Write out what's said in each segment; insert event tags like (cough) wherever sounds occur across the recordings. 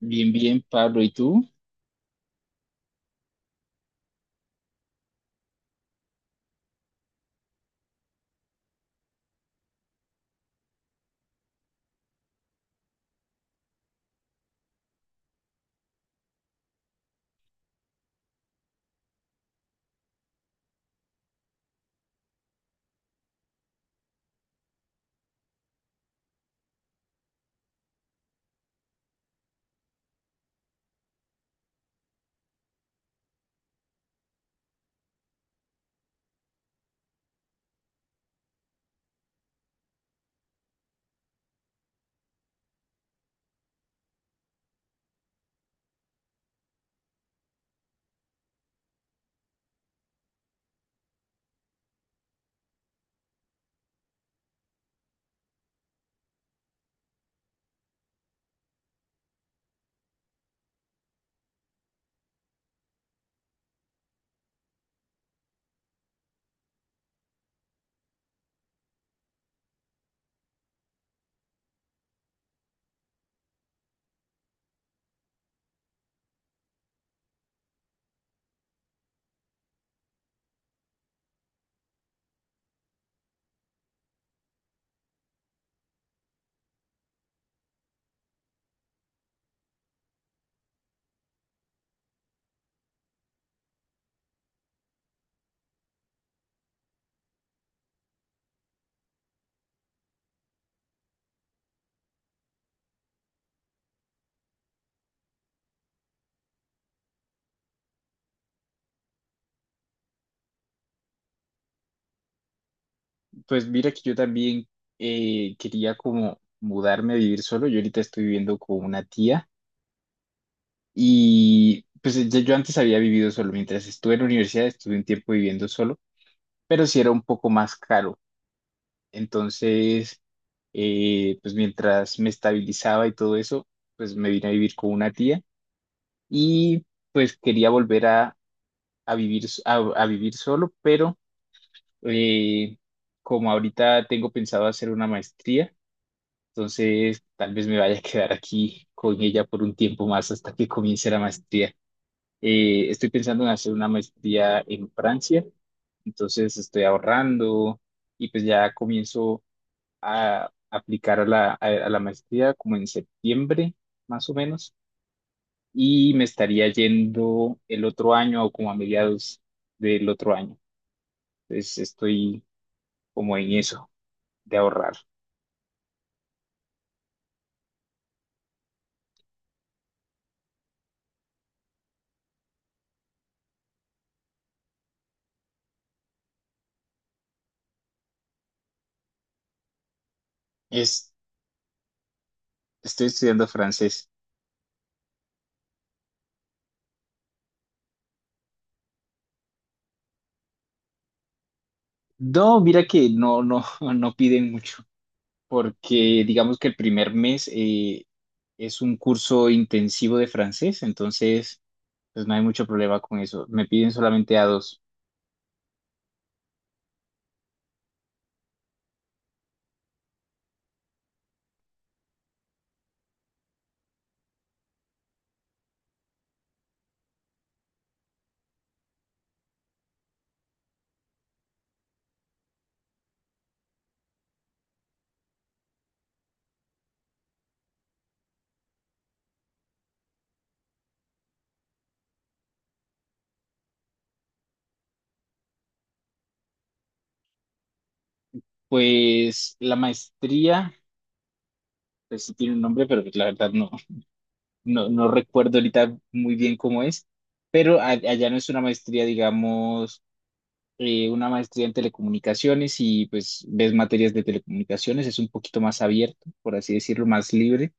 Bien, bien, Pablo. ¿Y tú? Pues mira que yo también quería como mudarme a vivir solo. Yo ahorita estoy viviendo con una tía y pues yo antes había vivido solo. Mientras estuve en la universidad estuve un tiempo viviendo solo, pero sí era un poco más caro. Entonces, pues mientras me estabilizaba y todo eso, pues me vine a vivir con una tía y pues quería volver a vivir, a vivir solo, pero... Eh, como ahorita tengo pensado hacer una maestría, entonces tal vez me vaya a quedar aquí con ella por un tiempo más hasta que comience la maestría. Estoy pensando en hacer una maestría en Francia, entonces estoy ahorrando y pues ya comienzo a aplicar a a la maestría como en septiembre, más o menos, y me estaría yendo el otro año o como a mediados del otro año. Entonces estoy como en eso de ahorrar. Es, estoy estudiando francés. No, mira que no, (laughs) no piden mucho, porque digamos que el primer mes es un curso intensivo de francés, entonces pues no hay mucho problema con eso. Me piden solamente a A2. Pues la maestría, pues sí tiene un nombre, pero pues la verdad no, (laughs) no recuerdo ahorita muy bien cómo es, pero allá no es una maestría, digamos. Una maestría en telecomunicaciones y pues ves materias de telecomunicaciones, es un poquito más abierto, por así decirlo, más libre.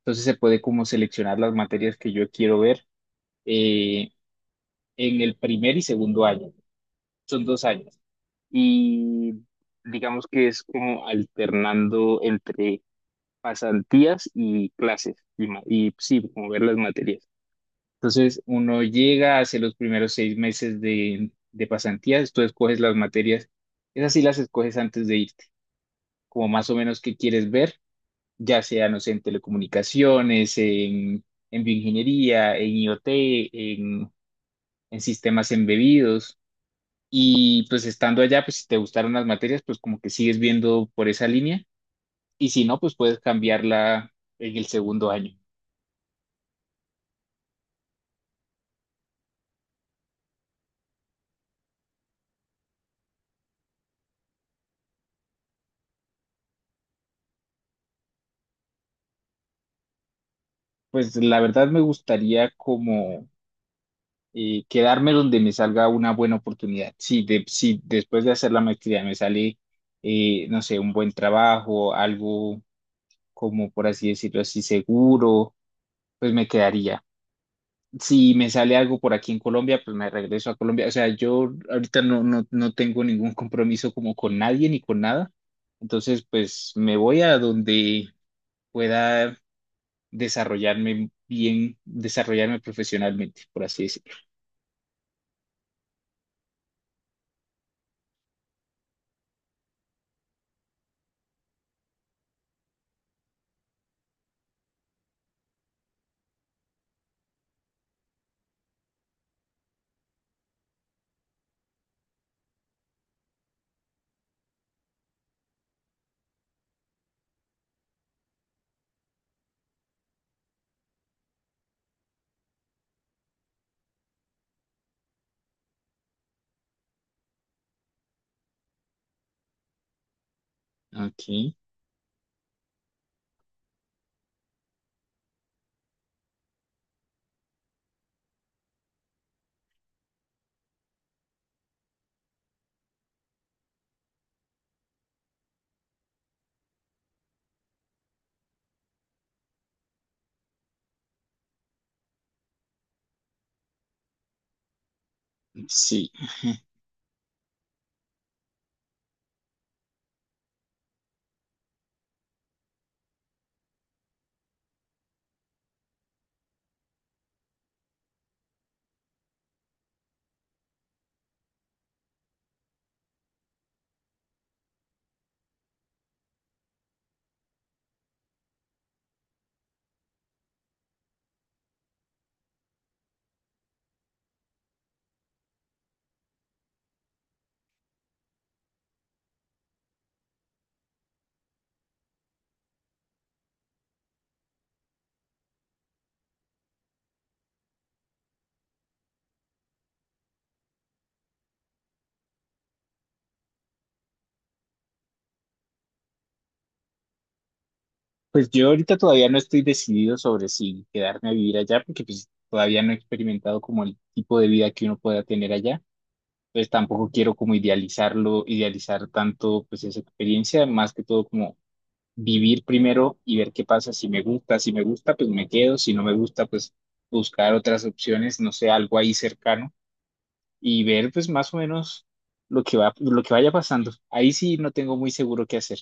Entonces se puede como seleccionar las materias que yo quiero ver eh, en el primer y segundo año. Son 2 años. Y digamos que es como alternando entre pasantías y clases y sí, como ver las materias. Entonces, uno llega, hace los primeros 6 meses de pasantías, tú escoges las materias, esas sí las escoges antes de irte, como más o menos qué quieres ver, ya sea, no sé, en telecomunicaciones, en bioingeniería, en IoT, en sistemas embebidos. Y pues estando allá, pues si te gustaron las materias, pues como que sigues viendo por esa línea. Y si no, pues puedes cambiarla en el segundo año. Pues la verdad me gustaría quedarme donde me salga una buena oportunidad. Si después de hacer la maestría me sale, no sé, un buen trabajo, algo como por así decirlo así, seguro, pues me quedaría. Si me sale algo por aquí en Colombia, pues me regreso a Colombia. O sea, yo ahorita no tengo ningún compromiso como con nadie ni con nada. Entonces, pues me voy a donde pueda desarrollarme bien, desarrollarme profesionalmente, por así decirlo. Ok, sí. Pues yo ahorita todavía no estoy decidido sobre si quedarme a vivir allá, porque pues todavía no he experimentado como el tipo de vida que uno pueda tener allá. Pues tampoco quiero como idealizarlo, idealizar tanto pues esa experiencia, más que todo como vivir primero y ver qué pasa. Si me gusta, si me gusta, pues me quedo. Si no me gusta, pues buscar otras opciones, no sé, algo ahí cercano y ver pues más o menos lo que va, lo que vaya pasando. Ahí sí no tengo muy seguro qué hacer.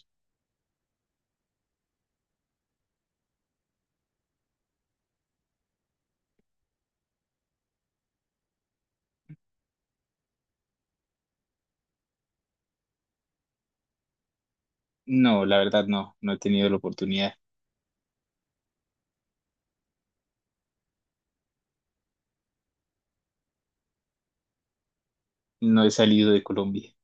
No, la verdad no, no he tenido la oportunidad. No he salido de Colombia.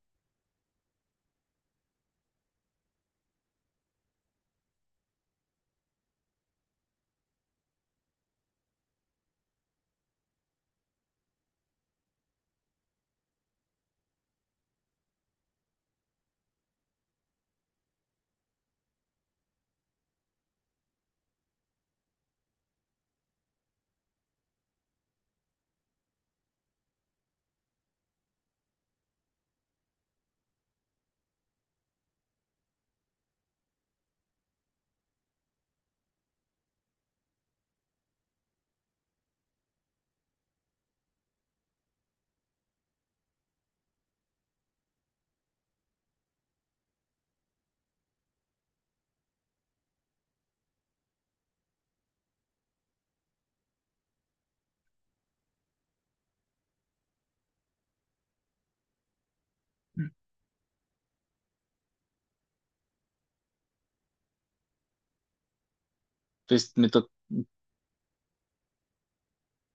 Pues me, to-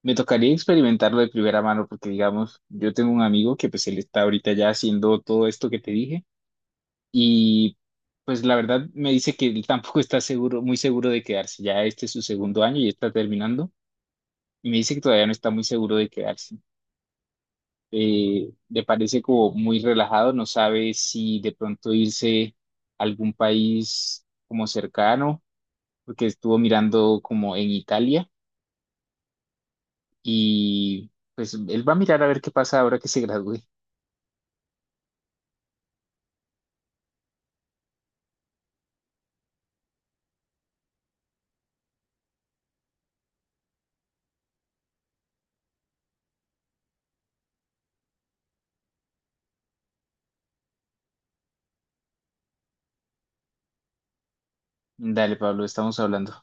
Me tocaría experimentarlo de primera mano porque, digamos, yo tengo un amigo que pues él está ahorita ya haciendo todo esto que te dije y pues la verdad me dice que él tampoco (laughs) está seguro, muy seguro de quedarse. Ya este es su segundo año y está terminando y me dice que todavía no está muy seguro de quedarse. Le parece como muy relajado, no sabe si de pronto irse a algún país como cercano, porque estuvo mirando como en Italia y pues él va a mirar a ver qué pasa ahora que se gradúe. Dale, Pablo, estamos hablando.